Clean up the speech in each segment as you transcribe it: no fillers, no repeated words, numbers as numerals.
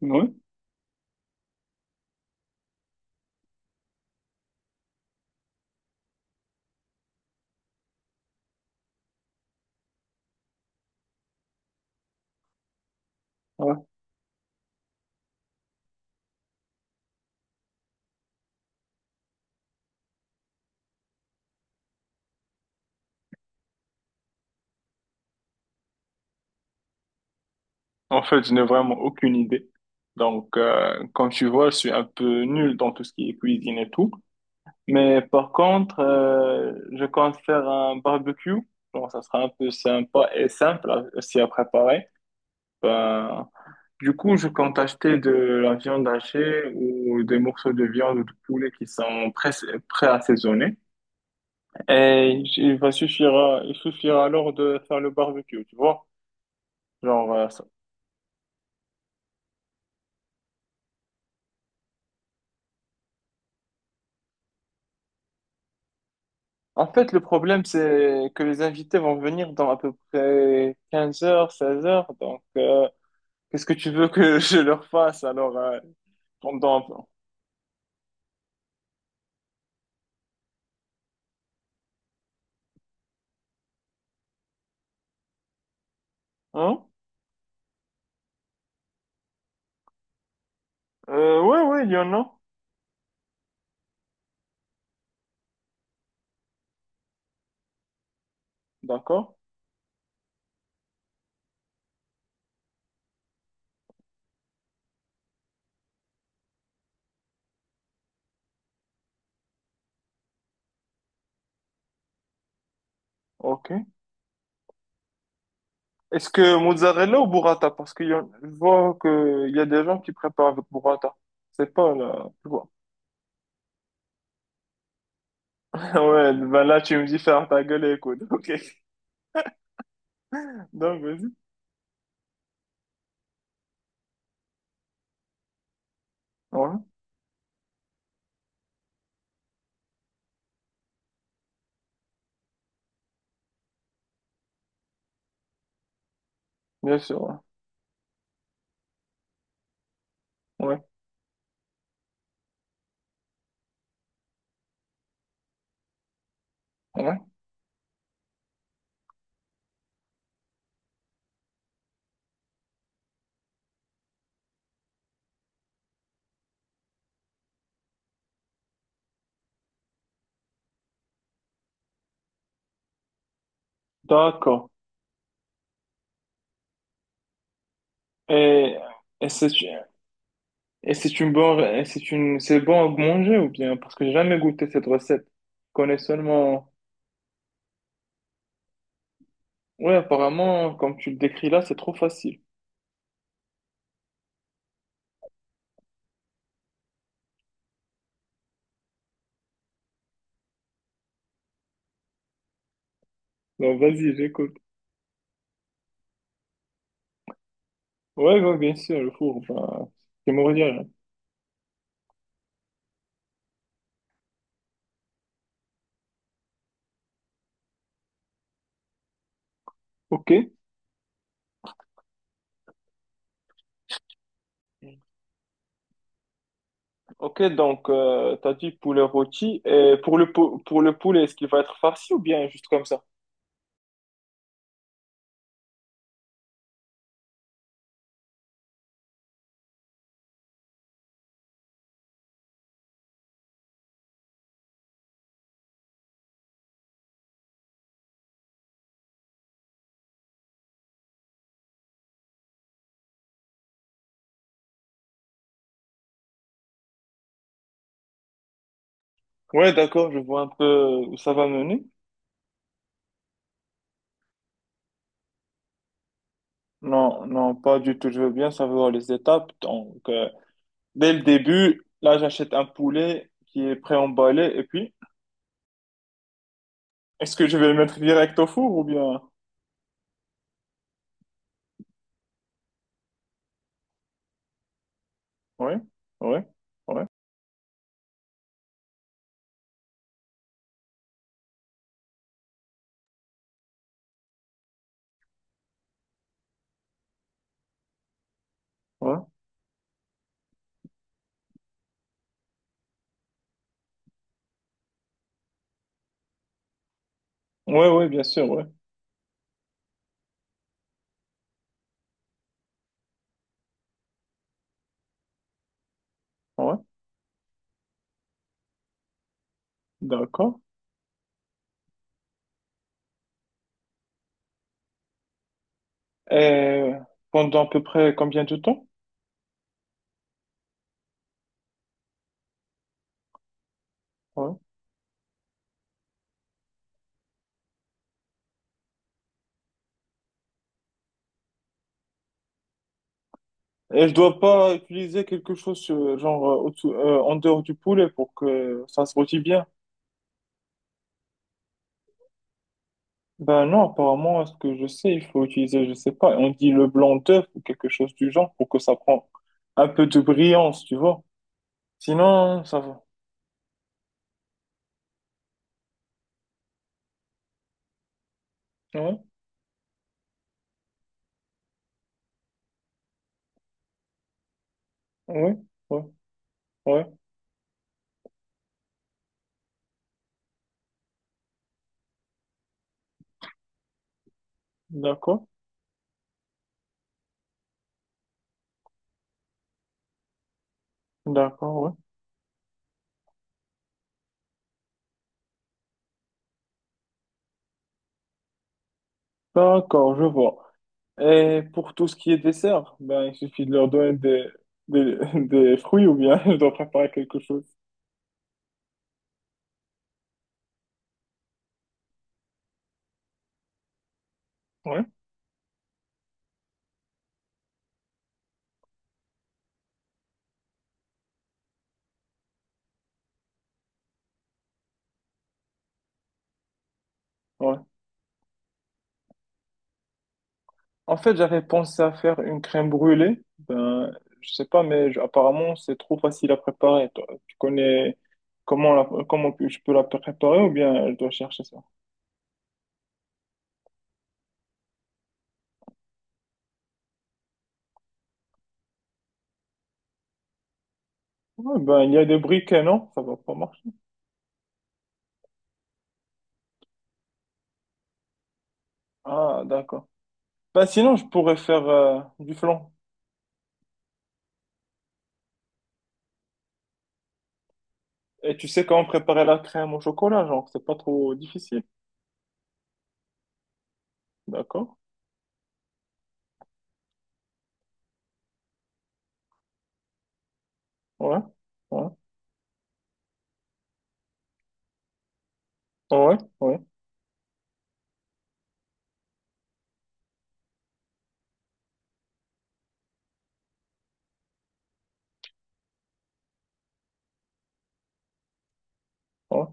Oui, ouais. Je n'ai vraiment aucune idée. Donc, comme tu vois, je suis un peu nul dans tout ce qui est cuisine et tout. Mais par contre, je compte faire un barbecue. Bon, ça sera un peu sympa et simple aussi à préparer. Ben, du coup, je compte acheter de la viande hachée ou des morceaux de viande ou de poulet qui sont pré-assaisonnés. Et il suffira alors de faire le barbecue, tu vois. Genre, euh, En fait, le problème, c'est que les invités vont venir dans à peu près 15 heures, 16 heures. Donc, qu'est-ce que tu veux que je leur fasse alors pendant... Hein? Ouais, ouais, il y en a. D'accord. Ok. Est-ce que mozzarella ou burrata? Parce que je vois qu'il y a des gens qui préparent avec burrata. C'est pas là, tu vois. Ouais, ben là, tu me dis faire ta gueule et écoute. Ok. Donc, vas-y. Ouais, bien sûr. Ouais, ouais, ouais. D'accord. Et, et c'est... Et c'est une bonne, et c'est une, c'est bon à manger ou bien? Parce que j'ai jamais goûté cette recette. Je connais seulement, ouais, apparemment, comme tu le décris là, c'est trop facile. Donc, vas-y, j'écoute. Ouais, ouais, bien sûr, le four, ben, c'est mourir. Ok. Ok, donc, t'as dit poulet rôti. Et pour pour le poulet, est-ce qu'il va être farci ou bien juste comme ça? Ouais, d'accord, je vois un peu où ça va mener. Non, non, pas du tout. Je veux bien savoir les étapes. Donc, dès le début, là, j'achète un poulet qui est pré-emballé. Et puis, est-ce que je vais le mettre direct au four ou bien... Oui, oui, oui, oui, oui, oui, bien sûr, oui, ouais, d'accord. Et pendant à peu près combien de temps? Ouais. Et je dois pas utiliser quelque chose, genre, au-dessous- en dehors du poulet pour que ça se rôtit bien. Ben non, apparemment, à ce que je sais, il faut utiliser, je sais pas, on dit le blanc d'œuf ou quelque chose du genre pour que ça prend un peu de brillance, tu vois. Sinon, ça va. Ouais, ouais, ouais, ouais, d'accord, d'accord, ouais. D'accord, je vois. Et pour tout ce qui est dessert, ben, il suffit de leur donner des fruits ou bien je dois préparer quelque chose. Ouais, ouais. En fait, j'avais pensé à faire une crème brûlée. Ben, je sais pas, apparemment, c'est trop facile à préparer. Toi, tu connais comment je peux la préparer ou bien je dois chercher ça? Ouais, ben, il y a des briquets, non? Ça va pas marcher. Ah, d'accord. Ben, sinon, je pourrais faire du flan. Et tu sais comment préparer la crème au chocolat, genre, c'est pas trop difficile. D'accord? Ouais, ouais, ouais, ouais, ouais.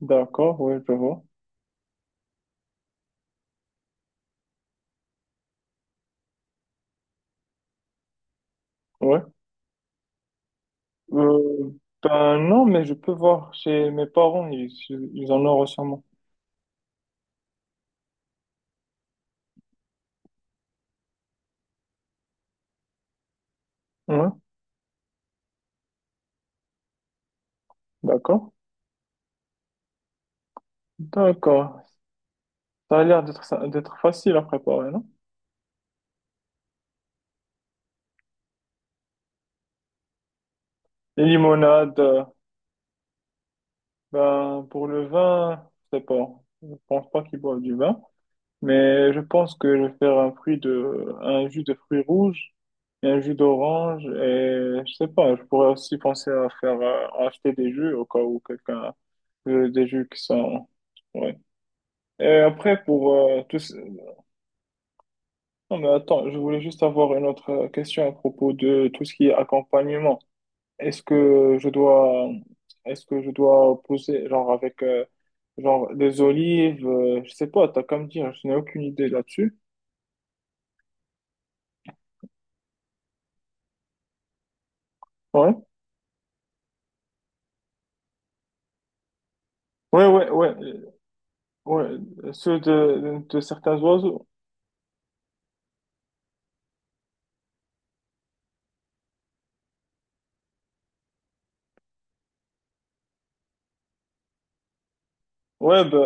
D'accord, ouais, je vois. Ouais. Euh, ben non, mais je peux voir chez mes parents, ils en auront sûrement. Ouais, d'accord. D'accord. Ça a d'être facile à préparer, non? Les limonades, ben pour le vin, je sais pas. Je pense pas qu'ils boivent du vin. Mais je pense que je vais faire un jus de fruits rouges et un jus d'orange et je sais pas, je pourrais aussi penser à faire, à acheter des jus au cas où quelqu'un veut des jus qui sont, ouais. Et après pour non mais attends, je voulais juste avoir une autre question à propos de tout ce qui est accompagnement. Est-ce que je dois, est-ce que je dois poser genre avec, genre des olives, je sais pas, t'as qu'à me dire, je n'ai aucune idée là-dessus. Ouais. Ouais, ouais, ouais. Ouais, ceux de certains oiseaux. Ouais, bah,